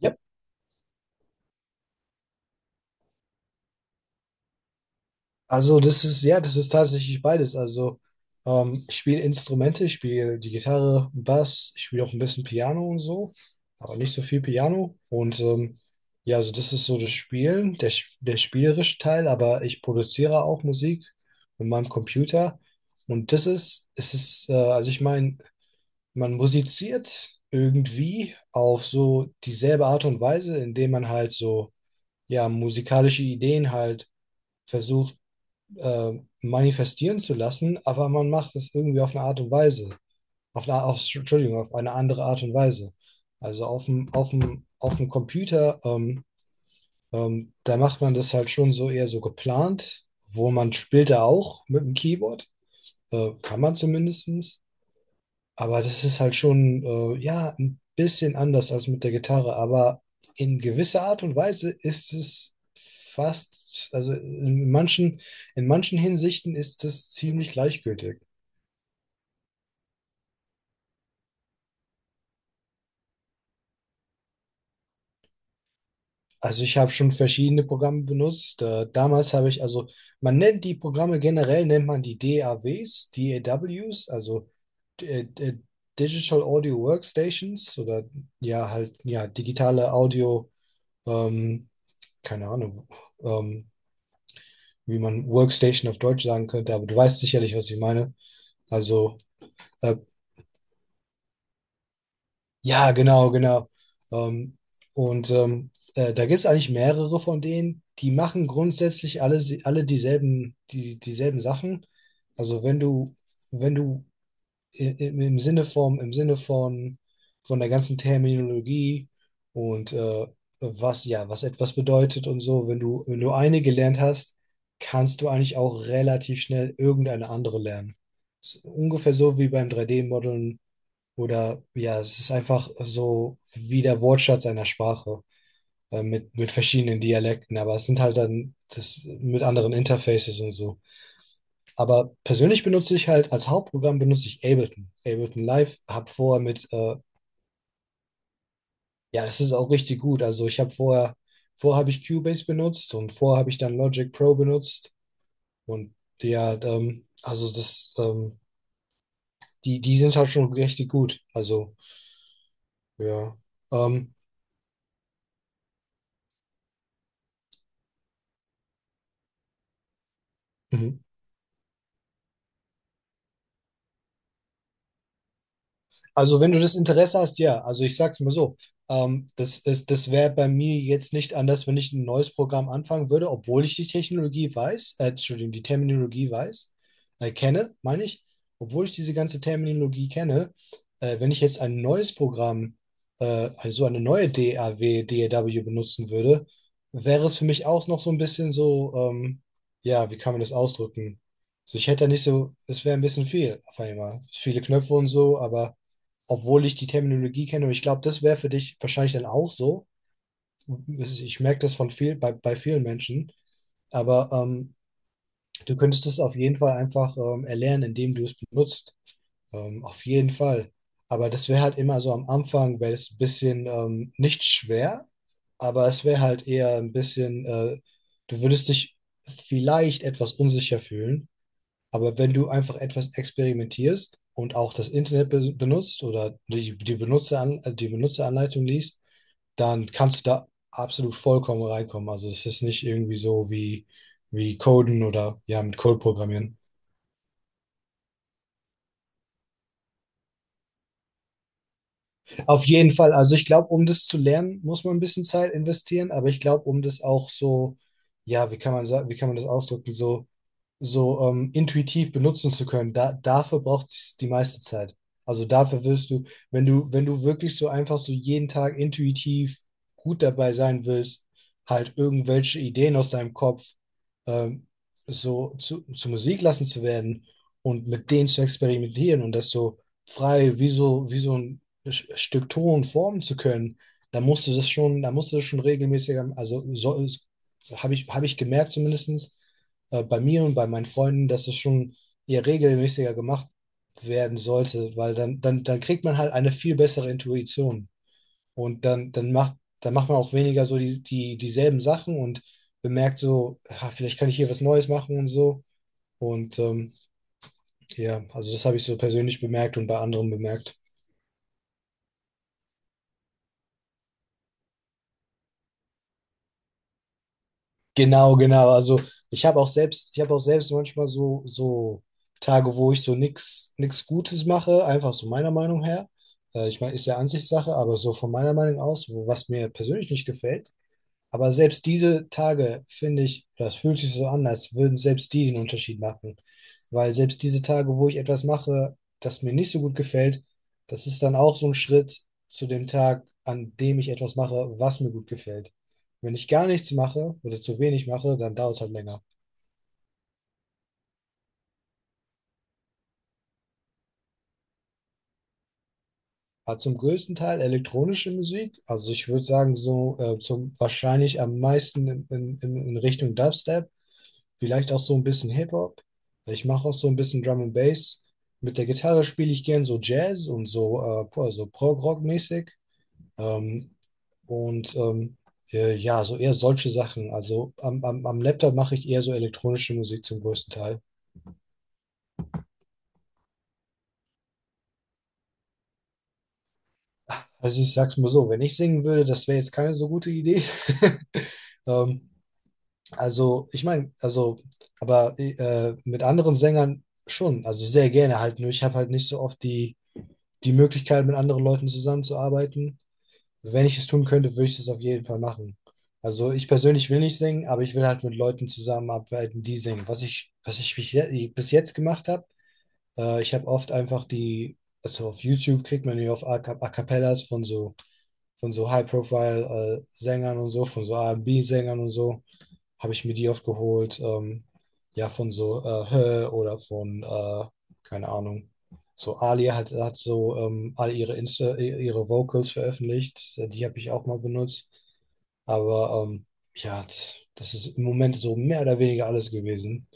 Ja, das ist tatsächlich beides. Also ich spiele Instrumente, ich spiele die Gitarre, Bass, ich spiele auch ein bisschen Piano und so, aber nicht so viel Piano. Und das ist so das Spielen, der spielerische Teil, aber ich produziere auch Musik mit meinem Computer. Und das ist, es ist, also ich meine, man musiziert irgendwie auf so dieselbe Art und Weise, indem man halt so, ja, musikalische Ideen halt versucht äh, manifestieren zu lassen, aber man macht es irgendwie auf eine Art und Weise. Entschuldigung, auf eine andere Art und Weise. Also auf dem Computer, da macht man das halt schon so eher so geplant, wo man spielt da auch mit dem Keyboard, kann man zumindestens. Aber das ist halt schon, ja, ein bisschen anders als mit der Gitarre, aber in gewisser Art und Weise ist es fast, also in manchen Hinsichten ist es ziemlich gleichgültig. Also ich habe schon verschiedene Programme benutzt. Damals habe ich, also man nennt die Programme generell, nennt man die DAWs, also äh, äh, Digital Audio Workstations oder ja halt, ja, digitale Audio, ähm, keine Ahnung, ähm, wie man Workstation auf Deutsch sagen könnte, aber du weißt sicherlich, was ich meine. Also, äh, ja, genau. Ähm, und ähm, Da gibt es eigentlich mehrere von denen, die machen grundsätzlich alle, dieselben Sachen. Also wenn du im Sinne von der ganzen Terminologie und was, ja, was etwas bedeutet und so, wenn du eine gelernt hast, kannst du eigentlich auch relativ schnell irgendeine andere lernen. Ist ungefähr so wie beim 3D-Modeln oder ja, es ist einfach so wie der Wortschatz einer Sprache mit verschiedenen Dialekten, aber es sind halt dann das mit anderen Interfaces und so. Aber persönlich benutze ich halt, als Hauptprogramm benutze ich Ableton. Ableton Live, habe vorher mit, Ja, das ist auch richtig gut. Vorher habe ich Cubase benutzt und vorher habe ich dann Logic Pro benutzt. Und ja, die sind halt schon richtig gut. Also, ja. Ähm, mhm. Also wenn du das Interesse hast, ja. Also ich sag's mal so, das wäre bei mir jetzt nicht anders, wenn ich ein neues Programm anfangen würde, obwohl ich die Technologie weiß, Entschuldigung, die Terminologie weiß, kenne, meine ich, obwohl ich diese ganze Terminologie kenne, wenn ich jetzt ein neues Programm, also eine neue DAW benutzen würde, wäre es für mich auch noch so ein bisschen so, ja, wie kann man das ausdrücken? Also ich hätte da nicht so, es wäre ein bisschen viel auf einmal. Viele Knöpfe und so, aber obwohl ich die Terminologie kenne. Und ich glaube, das wäre für dich wahrscheinlich dann auch so. Ich merke das von viel, bei vielen Menschen. Aber du könntest es auf jeden Fall einfach erlernen, indem du es benutzt. Auf jeden Fall. Aber das wäre halt immer so am Anfang, wäre es ein bisschen nicht schwer, aber es wäre halt eher ein bisschen, du würdest dich vielleicht etwas unsicher fühlen. Aber wenn du einfach etwas experimentierst und auch das Internet be benutzt oder die Benutzeranleitung liest, dann kannst du da absolut vollkommen reinkommen. Also es ist nicht irgendwie wie Coden oder ja, mit Code programmieren. Auf jeden Fall, also ich glaube, um das zu lernen, muss man ein bisschen Zeit investieren, aber ich glaube, um das auch so, ja, wie kann man sagen, wie kann man das ausdrücken, so intuitiv benutzen zu können, dafür braucht es die meiste Zeit. Also dafür wirst du, wenn du wirklich so einfach so jeden Tag intuitiv gut dabei sein willst, halt irgendwelche Ideen aus deinem Kopf ähm, so zu Musik lassen zu werden und mit denen zu experimentieren und das so frei wie so ein Stück Ton formen zu können, da musst du das schon regelmäßig, also so, habe ich gemerkt zumindestens bei mir und bei meinen Freunden, dass es schon eher regelmäßiger gemacht werden sollte, weil dann kriegt man halt eine viel bessere Intuition. Und dann macht man auch weniger so dieselben Sachen und bemerkt so, ha, vielleicht kann ich hier was Neues machen und so. Und ja, also das habe ich so persönlich bemerkt und bei anderen bemerkt. Genau, genau. Also ich habe auch selbst manchmal so Tage, wo ich so nix Gutes mache, einfach so meiner Meinung her. Ich meine, ist ja Ansichtssache, aber so von meiner Meinung aus, wo, was mir persönlich nicht gefällt, aber selbst diese Tage, finde ich, das fühlt sich so an, als würden selbst die den Unterschied machen. Weil selbst diese Tage, wo ich etwas mache, das mir nicht so gut gefällt, das ist dann auch so ein Schritt zu dem Tag, an dem ich etwas mache, was mir gut gefällt. Wenn ich gar nichts mache oder zu wenig mache, dann dauert es halt länger. Hat zum größten Teil elektronische Musik, also ich würde sagen, so zum wahrscheinlich am meisten in Richtung Dubstep, vielleicht auch so ein bisschen Hip-Hop. Ich mache auch so ein bisschen Drum and Bass. Mit der Gitarre spiele ich gern so Jazz und so, so Prog-Rock-mäßig. Ähm, und ähm, ja, so eher solche Sachen. Also am Laptop mache ich eher so elektronische Musik zum größten Teil. Also ich sag's mal so, wenn ich singen würde, das wäre jetzt keine so gute Idee. Ähm, also ich meine, also, aber Mit anderen Sängern schon, also sehr gerne halt. Nur ich habe halt nicht so oft die Möglichkeit, mit anderen Leuten zusammenzuarbeiten. Also wenn ich es tun könnte, würde ich das auf jeden Fall machen. Also ich persönlich will nicht singen, aber ich will halt mit Leuten zusammenarbeiten, die singen. Was ich bis jetzt gemacht habe, ich habe oft einfach die, also auf YouTube kriegt man ja auf A Cappellas von so High-Profile-Sängern und so, von so B sängern und so habe ich mir die oft geholt. Ja, von so keine Ahnung. So Ali hat so ihre Vocals veröffentlicht. Die habe ich auch mal benutzt. Aber ja, das ist im Moment so mehr oder weniger alles gewesen.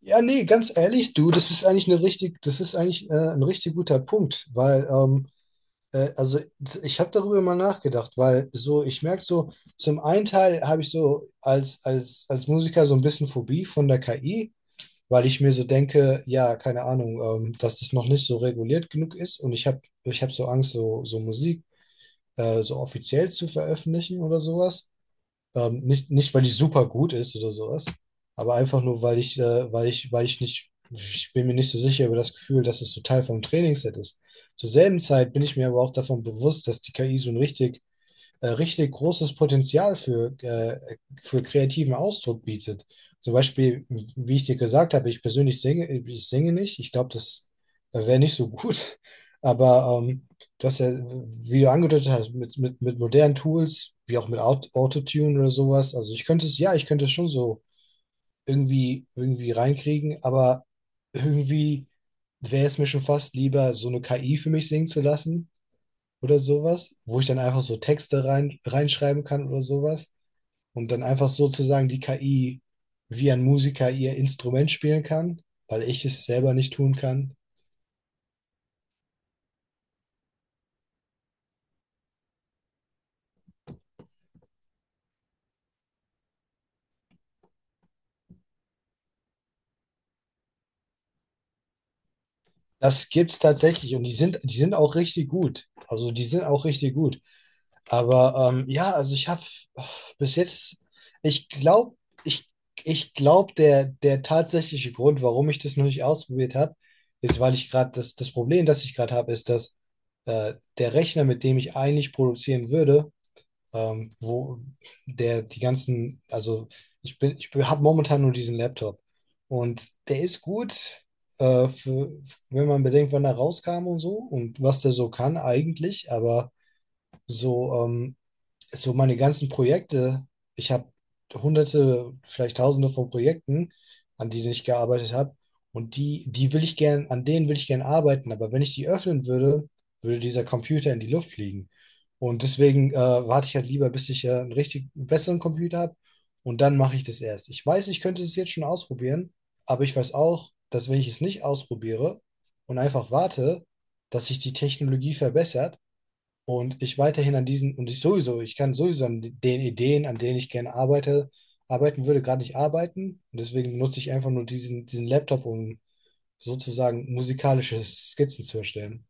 Ja, nee, ganz ehrlich, du, das ist eigentlich ein richtig guter Punkt, weil also ich habe darüber mal nachgedacht, weil so, ich merke so, zum einen Teil habe ich so als Musiker so ein bisschen Phobie von der KI, weil ich mir so denke, ja, keine Ahnung, dass das noch nicht so reguliert genug ist und ich hab so Angst, so Musik so offiziell zu veröffentlichen oder sowas. Nicht, weil die super gut ist oder sowas, aber einfach nur, weil ich nicht, ich bin mir nicht so sicher über das Gefühl, dass es so Teil vom Trainingsset ist. Zur selben Zeit bin ich mir aber auch davon bewusst, dass die KI so ein richtig großes Potenzial für kreativen Ausdruck bietet. Zum Beispiel, wie ich dir gesagt habe, ich persönlich singe, ich singe nicht. Ich glaube, das wäre nicht so gut. Aber du hast ja, wie du angedeutet hast, mit modernen Tools, wie auch mit Autotune oder sowas. Also ich könnte es schon so irgendwie reinkriegen, aber irgendwie wäre es mir schon fast lieber, so eine KI für mich singen zu lassen oder sowas, wo ich dann einfach so Texte reinschreiben kann oder sowas und dann einfach sozusagen die KI wie ein Musiker ihr Instrument spielen kann, weil ich es selber nicht tun kann. Das gibt's tatsächlich und die sind auch richtig gut. Also die sind auch richtig gut. Aber ja, also ich habe bis jetzt, ich glaube, ich, ich glaube, der tatsächliche Grund, warum ich das noch nicht ausprobiert habe, ist, weil ich gerade das Problem, das ich gerade habe, ist, dass der Rechner, mit dem ich eigentlich produzieren würde, wo der die ganzen, also ich bin, ich habe momentan nur diesen Laptop und der ist gut, äh, für, wenn man bedenkt, wann er rauskam und so und was der so kann eigentlich, aber so, ähm, so meine ganzen Projekte, ich habe hunderte, vielleicht tausende von Projekten, an denen ich gearbeitet habe. Und die will ich gern, an denen will ich gern arbeiten. Aber wenn ich die öffnen würde, würde dieser Computer in die Luft fliegen. Und deswegen warte ich halt lieber, bis ich einen richtig besseren Computer habe. Und dann mache ich das erst. Ich weiß, ich könnte es jetzt schon ausprobieren, aber ich weiß auch, dass wenn ich es nicht ausprobiere und einfach warte, dass sich die Technologie verbessert, und ich weiterhin an diesen, und ich sowieso, ich kann sowieso an den Ideen, an denen ich gerne arbeite, arbeiten würde, gerade nicht arbeiten. Und deswegen nutze ich einfach nur diesen Laptop, um sozusagen musikalische Skizzen zu erstellen.